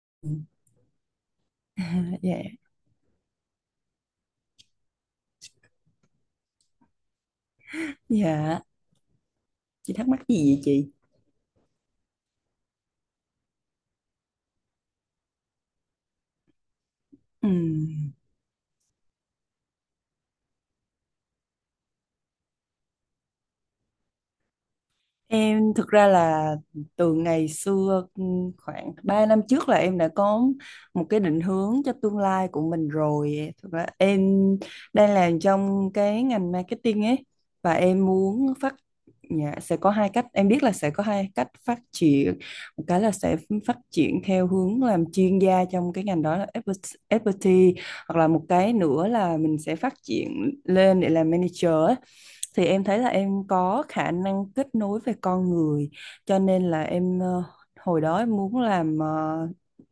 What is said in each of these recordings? Ừ. À, dạ, dạ, chị thắc mắc gì vậy chị? Ừ. Em thực ra là từ ngày xưa khoảng 3 năm trước là em đã có một cái định hướng cho tương lai của mình rồi. Thực ra em đang làm trong cái ngành marketing ấy và em muốn phát dạ, sẽ có hai cách, em biết là sẽ có hai cách phát triển. Một cái là sẽ phát triển theo hướng làm chuyên gia trong cái ngành đó là expertise, hoặc là một cái nữa là mình sẽ phát triển lên để làm manager ấy. Thì em thấy là em có khả năng kết nối về con người, cho nên là em hồi đó em muốn làm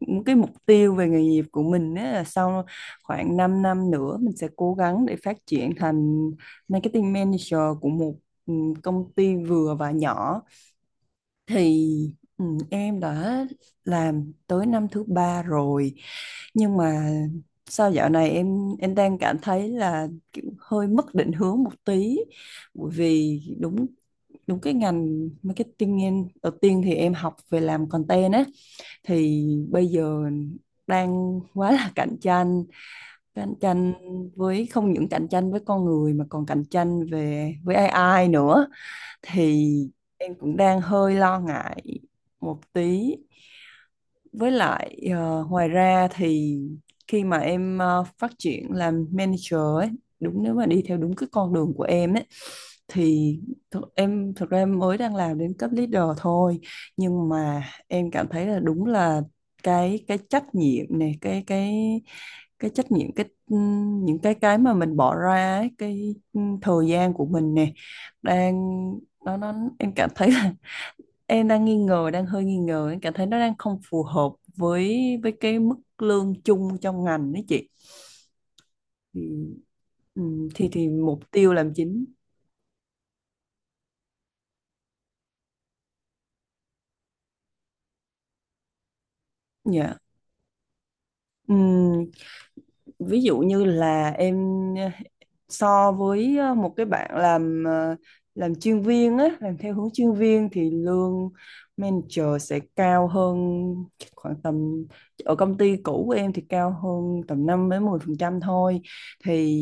những cái mục tiêu về nghề nghiệp của mình ấy là sau khoảng 5 năm nữa mình sẽ cố gắng để phát triển thành marketing manager của một ừ, công ty vừa và nhỏ. Thì ừ, em đã làm tới năm thứ ba rồi, nhưng mà sao dạo này em đang cảm thấy là kiểu hơi mất định hướng một tí, bởi vì đúng đúng cái ngành marketing em đầu tiên thì em học về làm content á, thì bây giờ đang quá là cạnh tranh, cạnh tranh với không những cạnh tranh với con người mà còn cạnh tranh về với AI nữa. Thì em cũng đang hơi lo ngại một tí. Với lại ngoài ra thì khi mà em phát triển làm manager ấy, đúng nếu mà đi theo đúng cái con đường của em ấy thì em thực ra em mới đang làm đến cấp leader thôi, nhưng mà em cảm thấy là đúng là cái trách nhiệm này, cái cái trách nhiệm, những cái mà mình bỏ ra ấy, cái thời gian của mình nè đang nó em cảm thấy là em đang nghi ngờ, đang hơi nghi ngờ, em cảm thấy nó đang không phù hợp với cái mức lương chung trong ngành đấy chị. Thì ừ, thì mục tiêu làm chính dạ. Ừ, Ví dụ như là em ờ, so với một cái bạn làm làm chuyên viên á, làm theo hướng chuyên viên, thì lương manager sẽ cao hơn khoảng tầm, ở công ty cũ của em thì cao hơn tầm 5 đến 10% thôi. Thì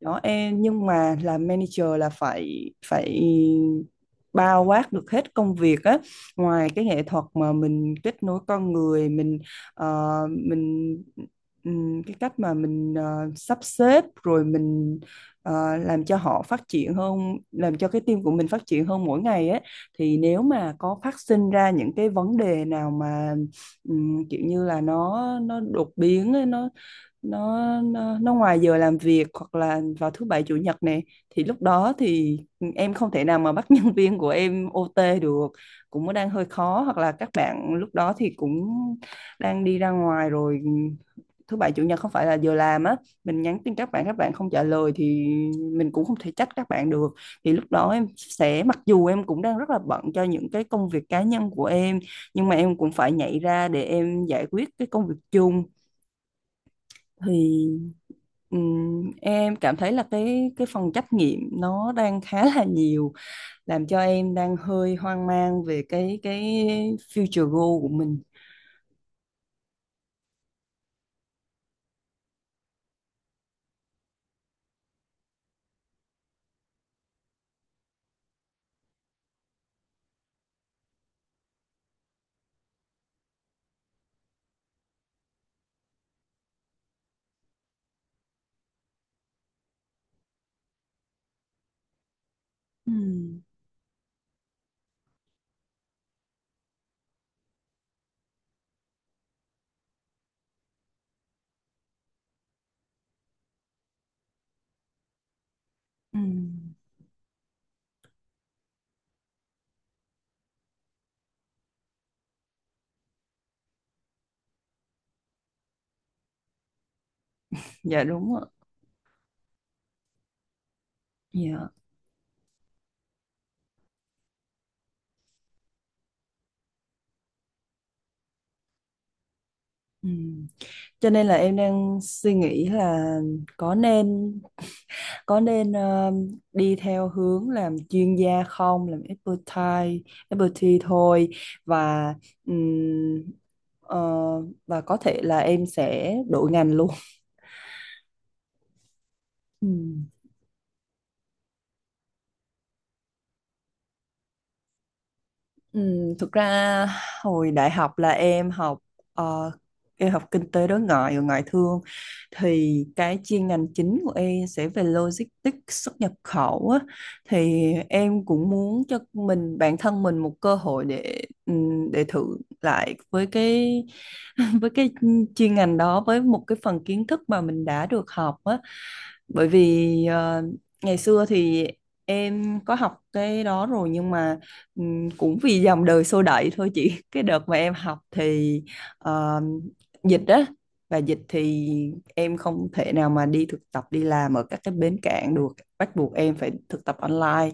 đó em, nhưng mà làm manager là phải phải bao quát được hết công việc á, ngoài cái nghệ thuật mà mình kết nối con người mình, mình cái cách mà mình sắp xếp rồi mình làm cho họ phát triển hơn, làm cho cái team của mình phát triển hơn mỗi ngày ấy. Thì nếu mà có phát sinh ra những cái vấn đề nào mà kiểu như là nó đột biến ấy, nó ngoài giờ làm việc hoặc là vào thứ bảy chủ nhật này, thì lúc đó thì em không thể nào mà bắt nhân viên của em OT được, cũng mới đang hơi khó, hoặc là các bạn lúc đó thì cũng đang đi ra ngoài rồi, thứ bảy chủ nhật không phải là giờ làm á, mình nhắn tin các bạn, các bạn không trả lời thì mình cũng không thể trách các bạn được. Thì lúc đó em sẽ, mặc dù em cũng đang rất là bận cho những cái công việc cá nhân của em, nhưng mà em cũng phải nhảy ra để em giải quyết cái công việc chung. Thì em cảm thấy là cái phần trắc nghiệm nó đang khá là nhiều, làm cho em đang hơi hoang mang về cái future goal của mình. Ừm, ừm, dạ đúng ạ. Dạ. Ừm. Cho nên là em đang suy nghĩ là có nên có nên đi theo hướng làm chuyên gia không, làm expertise, expertise thôi, và ừm, ờ, và có thể là em sẽ đổi ngành luôn. Ừm. Ừ, thực ra hồi đại học là em học ờ, em học kinh tế đối ngoại và ngoại thương, thì cái chuyên ngành chính của em sẽ về logistics xuất nhập khẩu á. Thì em cũng muốn cho bản thân mình một cơ hội để thử lại với cái với cái chuyên ngành đó, với một cái phần kiến thức mà mình đã được học á. Bởi vì ngày xưa thì em có học cái đó rồi, nhưng mà cũng vì dòng đời xô đẩy thôi chị. Cái đợt mà em học thì ờ, dịch á, và dịch thì em không thể nào mà đi thực tập, đi làm ở các cái bến cảng được, bắt buộc em phải thực tập online.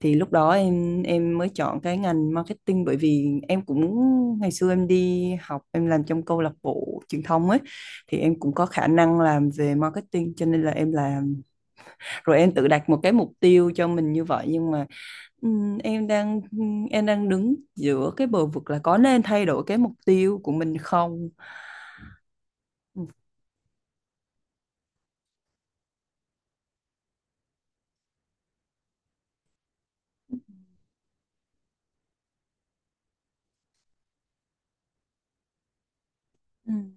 Thì lúc đó em mới chọn cái ngành marketing, bởi vì em cũng ngày xưa em đi học em làm trong câu lạc bộ truyền thông ấy, thì em cũng có khả năng làm về marketing, cho nên là em làm, rồi em tự đặt một cái mục tiêu cho mình như vậy. Nhưng mà Ừm, em đang em đang đứng giữa cái bờ vực là có nên thay đổi cái mục tiêu của mình không. Ừm, ừm,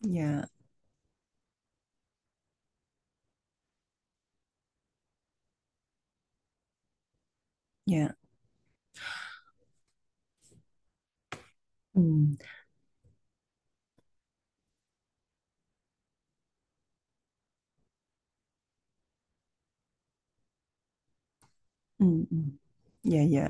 Dạ, dạ. Ừm, ừm, ừm. Dạ, dạ.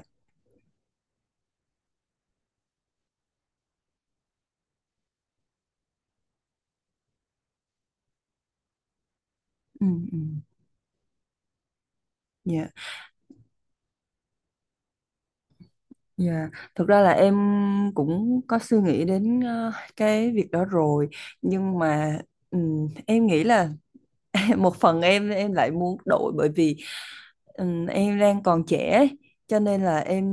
Ừm, ừm. Dạ, dạ. Thực ra là em cũng có suy nghĩ đến cái việc đó rồi, nhưng mà em nghĩ là một phần em lại muốn đổi, bởi vì em đang còn trẻ ấy, cho nên là em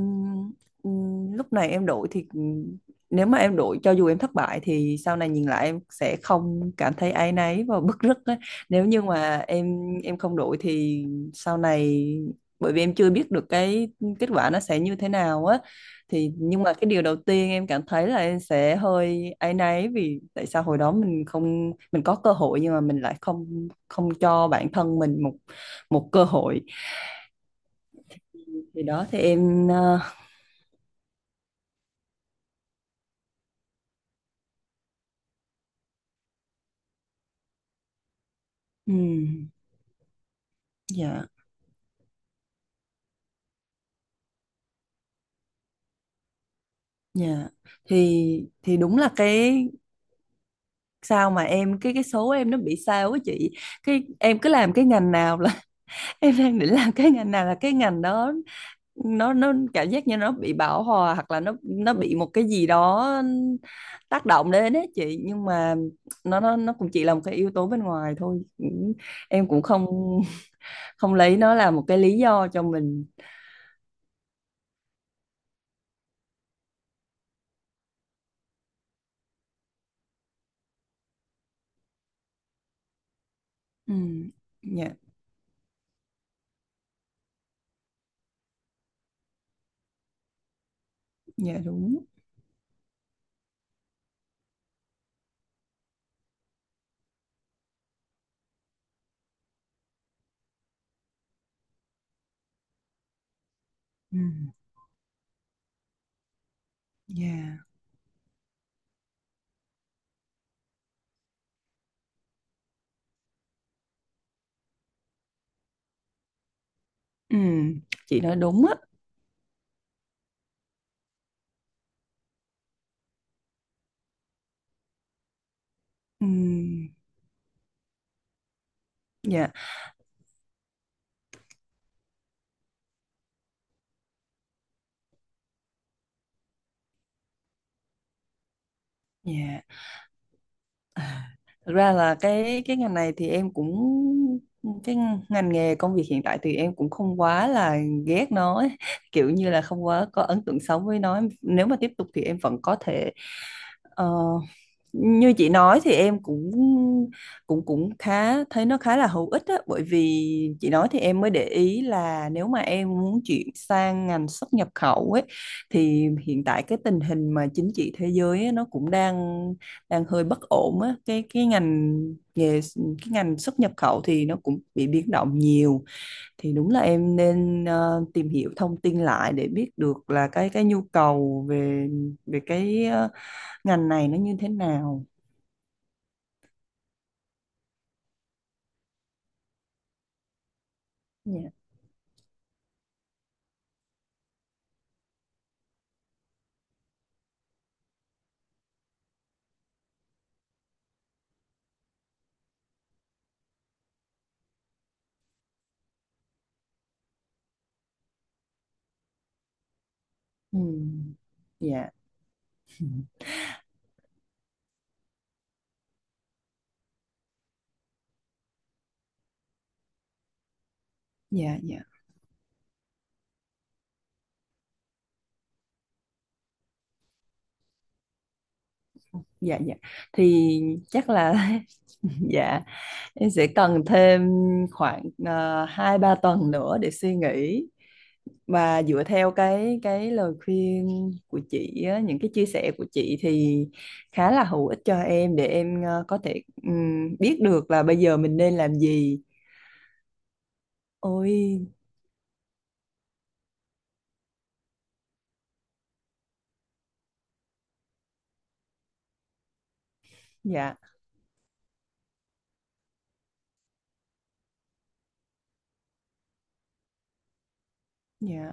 lúc này em đổi thì, nếu mà em đổi cho dù em thất bại thì sau này nhìn lại em sẽ không cảm thấy áy náy và bứt rứt ấy. Nếu như mà em không đổi thì sau này, bởi vì em chưa biết được cái kết quả nó sẽ như thế nào á, thì nhưng mà cái điều đầu tiên em cảm thấy là em sẽ hơi áy náy vì tại sao hồi đó mình không, mình có cơ hội nhưng mà mình lại không không cho bản thân mình một một cơ hội. Thì đó thì em ừm, dạ. Dạ. Thì đúng là cái sao mà em cái số em nó bị sao á chị, cái em cứ làm cái ngành nào là em đang định làm cái ngành nào là cái ngành đó nó cảm giác như nó bị bão hòa, hoặc là nó bị một cái gì đó tác động đến ấy chị. Nhưng mà nó cũng chỉ là một cái yếu tố bên ngoài thôi. Cũng- em cũng không không lấy nó là một cái lý do cho mình. Ừ. Dạ, dạ đúng. Ừm, yeah. Ừm, chị nói đúng á. Ừm, dạ, dạ. Thực ra là cái ngành này thì em cũng, cái ngành nghề công việc hiện tại thì em cũng không quá là ghét nó ấy. Kiểu như là không quá có ấn tượng xấu với nó. Nếu mà tiếp tục thì em vẫn có thể ờ, như chị nói thì em cũng cũng cũng khá thấy nó khá là hữu ích á, bởi vì chị nói thì em mới để ý là nếu mà em muốn chuyển sang ngành xuất nhập khẩu ấy, thì hiện tại cái tình hình mà chính trị thế giới ấy, nó cũng đang đang hơi bất ổn á. Cái ngành nghề, cái ngành xuất nhập khẩu thì nó cũng bị biến động nhiều. Thì đúng là em nên tìm hiểu thông tin lại để biết được là cái nhu cầu về về cái ngành này nó như thế nào. Dạ. Ừ. Dạ. Dạ, dạ. Dạ, dạ. Thì chắc là dạ, em sẽ cần thêm khoảng hai ba tuần nữa để suy nghĩ, và dựa theo cái lời khuyên của chị á, những cái chia sẻ của chị thì khá là hữu ích cho em để em có thể biết được là bây giờ mình nên làm gì. Ôi, dạ, dạ,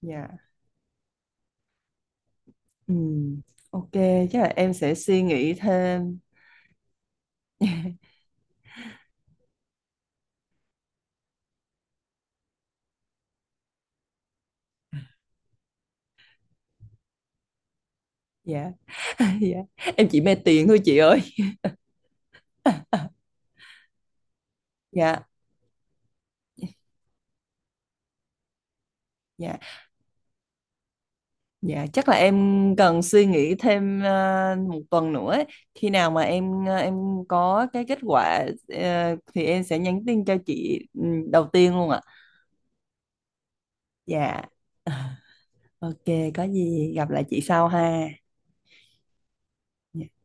dạ. Ừm, ok, chắc là em sẽ suy nghĩ thêm. Dạ. Dạ. Em chỉ mê tiền thôi chị ơi. Dạ, dạ, dạ chắc là em cần suy nghĩ thêm một tuần nữa ấy. Khi nào mà em em có cái kết quả thì em sẽ nhắn tin cho chị đầu tiên luôn ạ. Dạ. Ờ, Ok, có gì gặp lại chị sau ha. Dạ.